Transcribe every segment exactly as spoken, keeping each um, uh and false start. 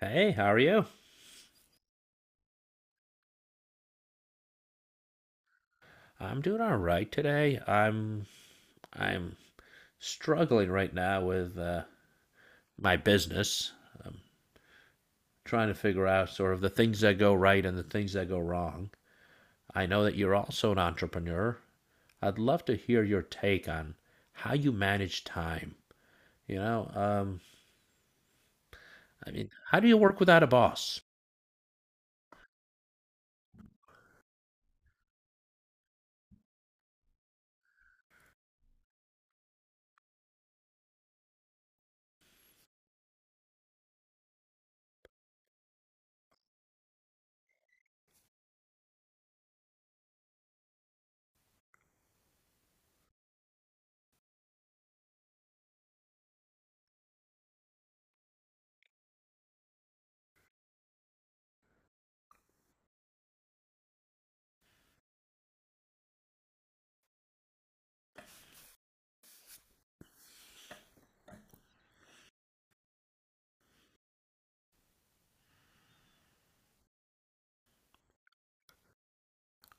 Hey, how are you? I'm doing all right today. I'm I'm struggling right now with uh, my business. I'm trying to figure out sort of the things that go right and the things that go wrong. I know that you're also an entrepreneur. I'd love to hear your take on how you manage time. You know, um, I mean, how do you work without a boss?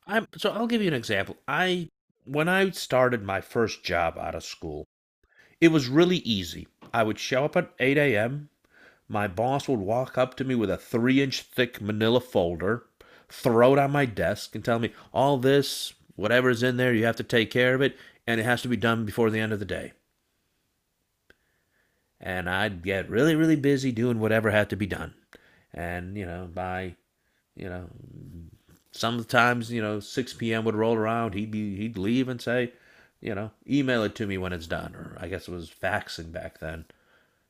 I'm so I'll give you an example. I when I started my first job out of school, it was really easy. I would show up at eight a m. My boss would walk up to me with a three inch thick manila folder, throw it on my desk, and tell me, all this, whatever's in there, you have to take care of it, and it has to be done before the end of the day. And I'd get really, really busy doing whatever had to be done. And, you know, by, you know, sometimes, you know, six p m would roll around, he'd be, he'd leave and say, you know, email it to me when it's done, or I guess it was faxing back then.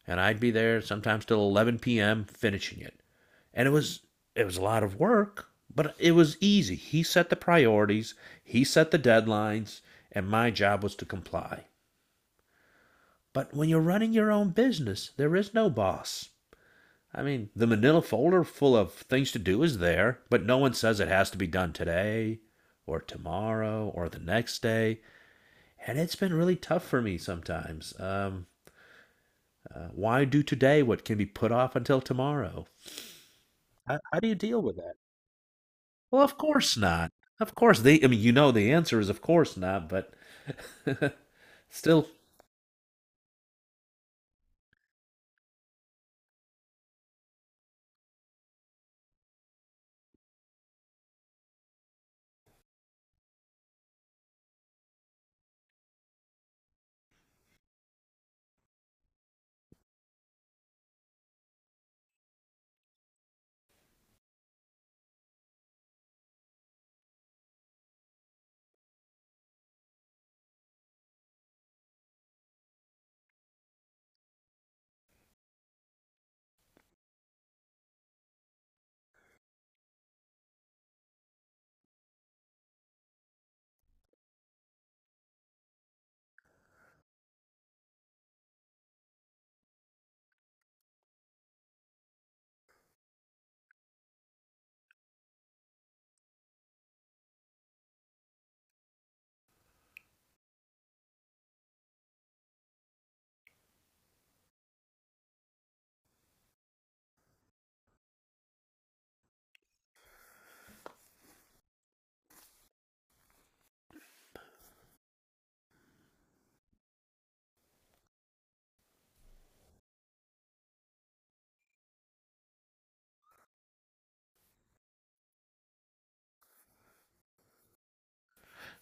And I'd be there sometimes till eleven p m finishing it. And it was it was a lot of work, but it was easy. He set the priorities, he set the deadlines, and my job was to comply. But when you're running your own business, there is no boss. I mean, the manila folder full of things to do is there, but no one says it has to be done today or tomorrow or the next day. And it's been really tough for me sometimes. Um, uh, why do today what can be put off until tomorrow? How, how do you deal with that? Well, of course not. Of course they I mean, you know the answer is of course not, but still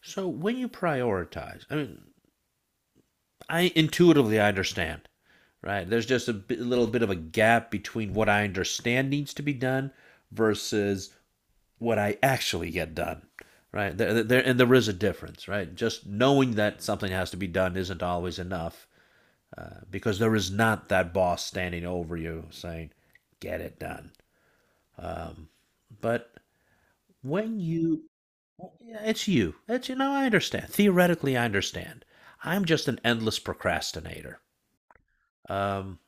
so when you prioritize, I mean, I intuitively I understand, right? There's just a bit, little bit of a gap between what I understand needs to be done versus what I actually get done, right? There, there there- and there is a difference, right? Just knowing that something has to be done isn't always enough. Uh, because there is not that boss standing over you saying, get it done. But when you. Well, yeah, it's you. It's you know, I understand. Theoretically, I understand. I'm just an endless procrastinator. Um,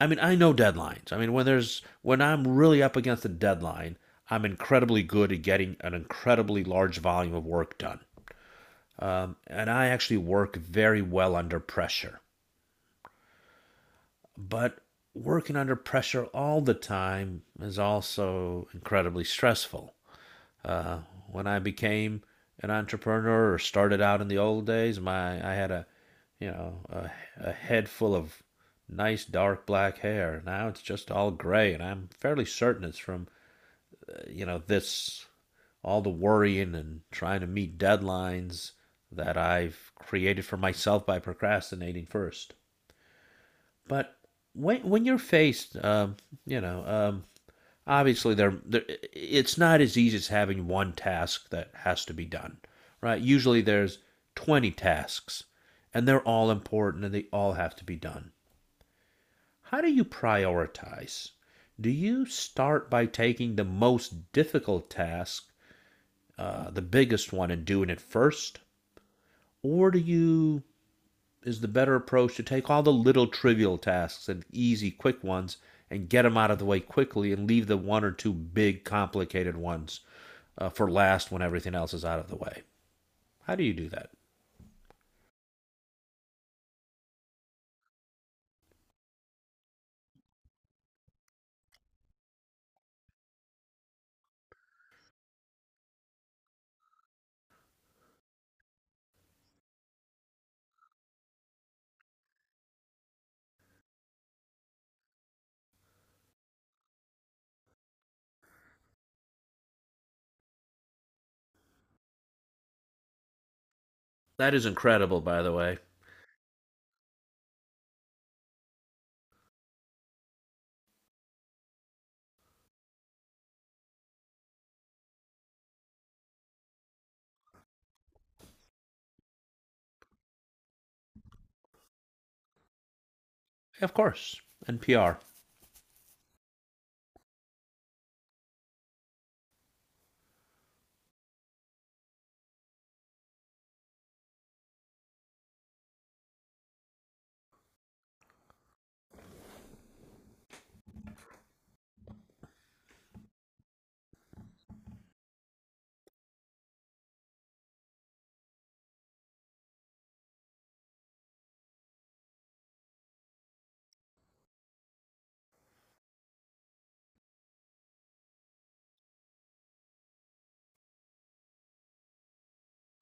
I mean, I know deadlines. I mean, when there's when I'm really up against a deadline, I'm incredibly good at getting an incredibly large volume of work done. Um, and I actually work very well under pressure. But working under pressure all the time is also incredibly stressful. When I became an entrepreneur or started out in the old days, my I had a you know a, a head full of nice dark black hair. Now it's just all gray, and I'm fairly certain it's from you know this all the worrying and trying to meet deadlines that I've created for myself by procrastinating first. But when when you're faced, um, you know, um, obviously they're, they're it's not as easy as having one task that has to be done right. Usually there's twenty tasks and they're all important and they all have to be done. How do you prioritize? Do you start by taking the most difficult task, uh, the biggest one and doing it first, or do you is the better approach to take all the little trivial tasks and easy, quick ones and get them out of the way quickly and leave the one or two big, complicated ones uh, for last when everything else is out of the way. How do you do that? That is incredible, by the way. Of course, N P R.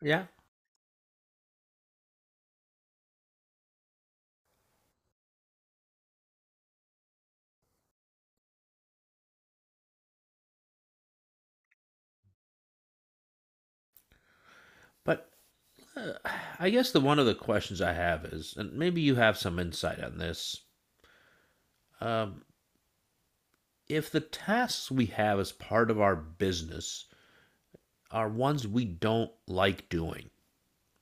Yeah. But I guess the one of the questions I have is, and maybe you have some insight on this, um, if the tasks we have as part of our business are ones we don't like doing,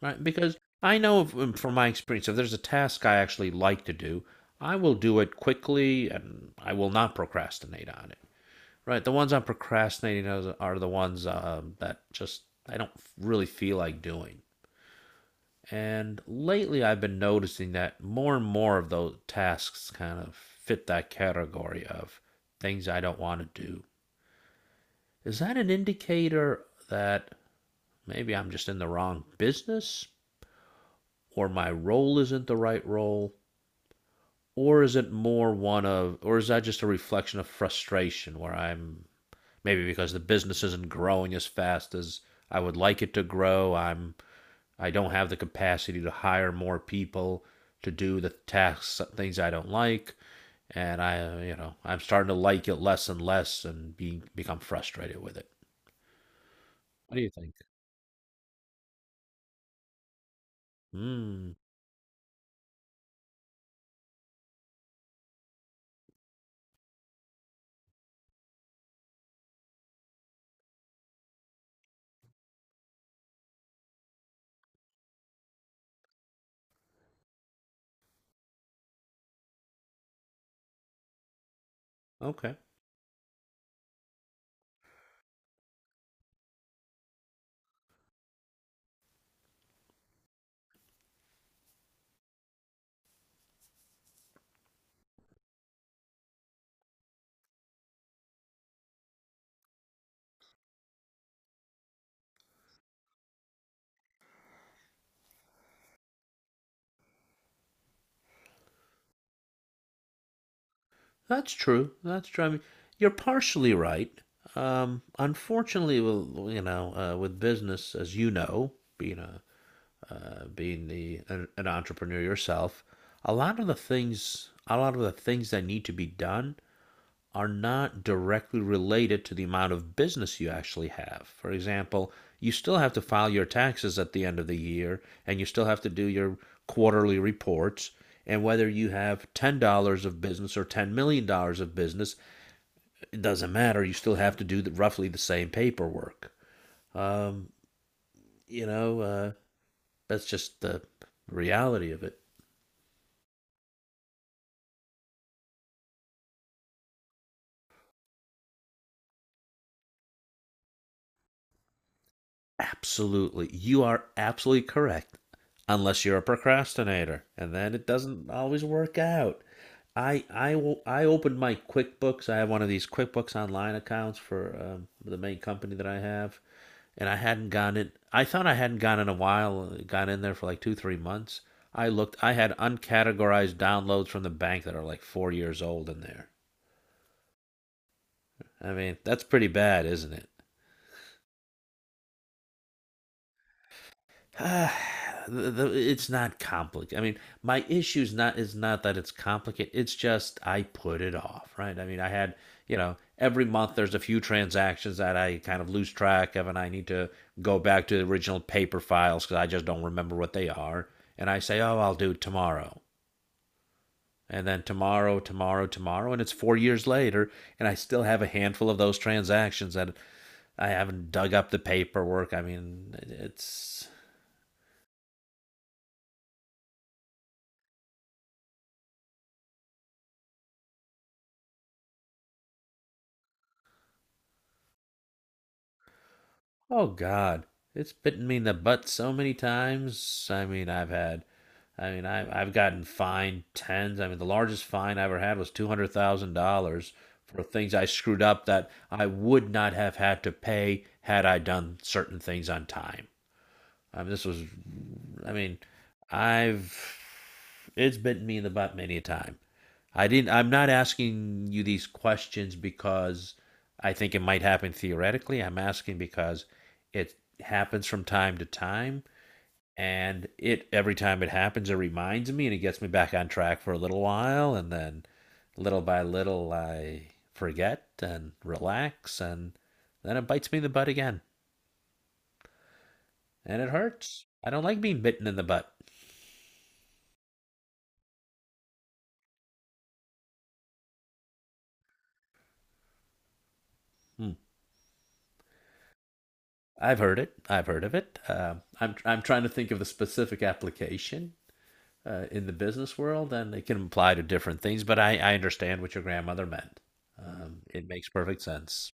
right, because I know if- um, from my experience, if there's a task I actually like to do, I will do it quickly and I will not procrastinate on it. Right, the ones I'm procrastinating are the- are the ones um, that just I don't really feel like doing. And lately, I've been noticing that more and more of those tasks kind of fit that category of things I don't want to do. Is that an indicator that maybe I'm just in the wrong business or my role isn't the right role? Or is it more one of or is that just a reflection of frustration where I'm maybe because the business isn't growing as fast as I would like it to grow. I'm I don't have the capacity to hire more people to do the tasks things I don't like, and I you know I'm starting to like it less and less and be, become frustrated with it. What do you think? Hmm. Okay. That's true. That's true. I mean, you're partially right. Um, unfortunately, well, you know, uh, with business, as you know, being a uh, being the an, an entrepreneur yourself, a lot of the things, a lot of the things that need to be done are not directly related to the amount of business you actually have. For example, you still have to file your taxes at the end of the year and you still have to do your quarterly reports. And whether you have ten dollars of business or ten million dollars of business, it doesn't matter. You still have to do the, roughly the same paperwork. Um, you know, uh, that's just the reality of it. Absolutely. You are absolutely correct. Unless you're a procrastinator, and then it doesn't always work out. I I will I opened my QuickBooks. I have one of these QuickBooks Online accounts for um, the main company that I have, and I hadn't gone in. I thought I hadn't gone in a while. Gone in there for like two three months. I looked. I had uncategorized downloads from the bank that are like four years old in there. I mean, that's pretty bad, isn't it? Uh, the, the, it's not complicated. I mean, my issue's not is not that it's complicated. It's just I put it off, right? I mean, I had you know every month there's a few transactions that I kind of lose track of, and I need to go back to the original paper files because I just don't remember what they are. And I say, oh, I'll do it tomorrow, and then tomorrow, tomorrow, tomorrow, and it's four years later, and I still have a handful of those transactions that I haven't dug up the paperwork. I mean, it's oh God, it's bitten me in the butt so many times. I mean, I've had, I mean, I, I've gotten fined tens. I mean, the largest fine I ever had was two hundred thousand dollars for things I screwed up that I would not have had to pay had I done certain things on time. I mean, this was, I mean, I've It's bitten me in the butt many a time. I didn't. I'm not asking you these questions because I think it might happen theoretically. I'm asking because it happens from time to time, and it every time it happens, it reminds me, and it gets me back on track for a little while, and then little by little, I forget and relax, and then it bites me in the butt again, and it hurts. I don't like being bitten in the butt. Hmm. I've heard it. I've heard of it. Um I'm I'm trying to think of the specific application uh, in the business world, and it can apply to different things. But I, I understand what your grandmother meant. Um, it makes perfect sense.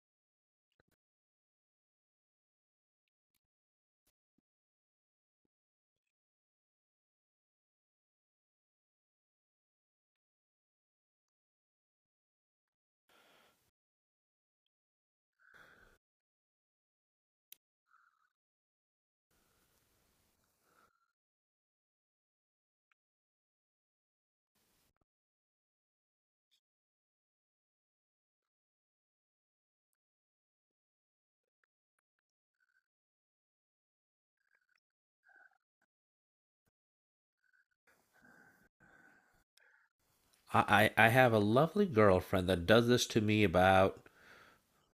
I, I I have a lovely girlfriend that does this to me about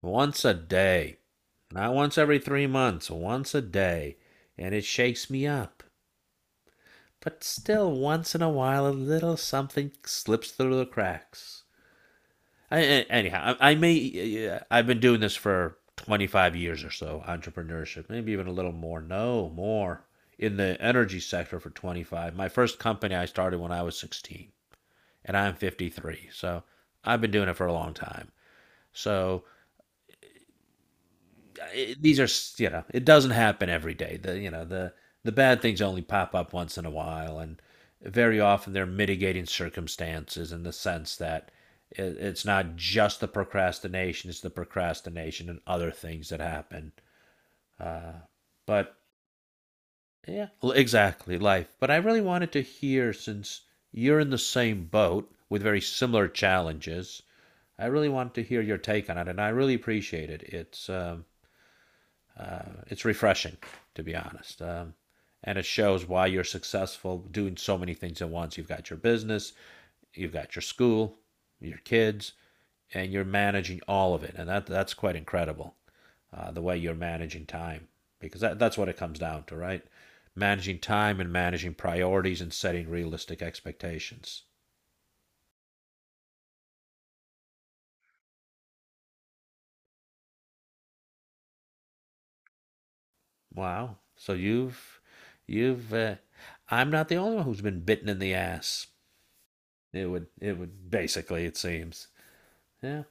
once a day, not once every three months, once a day, and it shakes me up. But still, once in a while, a little something slips through the cracks. I, Anyhow, I, I may. Yeah, I've been doing this for twenty-five years or so, entrepreneurship, maybe even a little more. No, more in the energy sector for twenty-five. My first company I started when I was sixteen, and I'm fifty-three. So I've been doing it for a long time. So it, these are you know it doesn't happen every day. The you know the the bad things only pop up once in a while and very often they're mitigating circumstances in the sense that it, it's not just the procrastination. It's the procrastination and other things that happen. But yeah, exactly, life. But I really wanted to hear since you're in the same boat with very similar challenges. I really wanted to hear your take on it, and I really appreciate it. it's um it's refreshing, to be honest. Um, and it shows why you're successful doing so many things at once. You've got your business, you've got your school, your kids, and you're managing all of it. And that that's quite incredible, uh, the way you're managing time, because that, that's what it comes down to, right? Managing time and managing priorities and setting realistic expectations. Wow. So you've you've uh, I'm not the only one who's been bitten in the ass. It would it would basically, it seems. Yeah,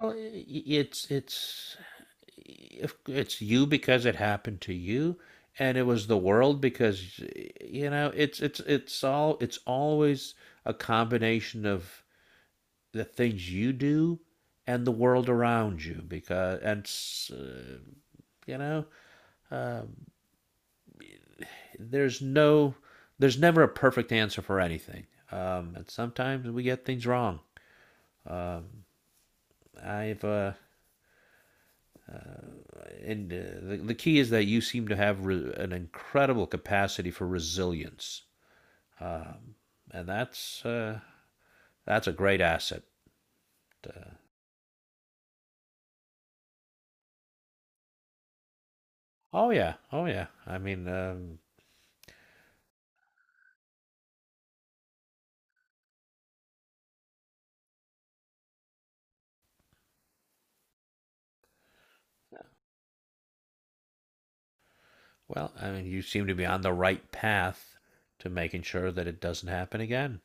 well, i- it's it's if it's you because it happened to you, and it was the world. Because you know it's it's it's all it's always a combination of the things you do and the world around you. Because and s- you know there's no there's never a perfect answer for anything, um, and sometimes we get things wrong. I've uh, and uh, the, the key is that you seem to have re- an incredible capacity for resilience, um, and that's uh, that's a great asset. Uh, oh yeah, oh yeah. I mean, um, well, I mean, you seem to be on the right path to making sure that it doesn't happen again.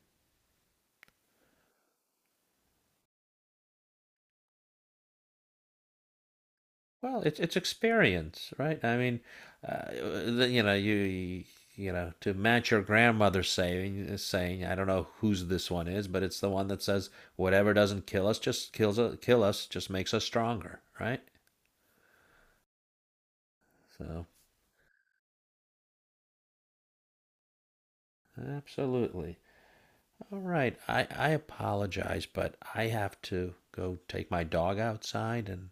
Well, it's it's experience, right? I mean, uh, the- you know, you you know, to match your grandmother's saying, saying, I don't know whose this one is, but it's the one that says, "Whatever doesn't kill us, just kills us, kill us, just makes us stronger," right? So, absolutely. All right, I I apologize, but I have to go take my dog outside, and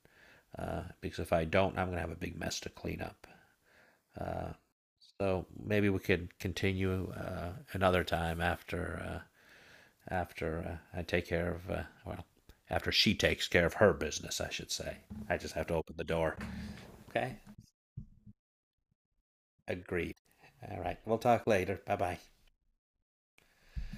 uh, because if I don't, I'm gonna have a big mess to clean up. Uh, so maybe we could continue uh, another time after uh, after uh, I take care of uh, well after she takes care of her business, I should say. I just have to open the door. Okay, agreed. All right, we'll talk later. Bye bye.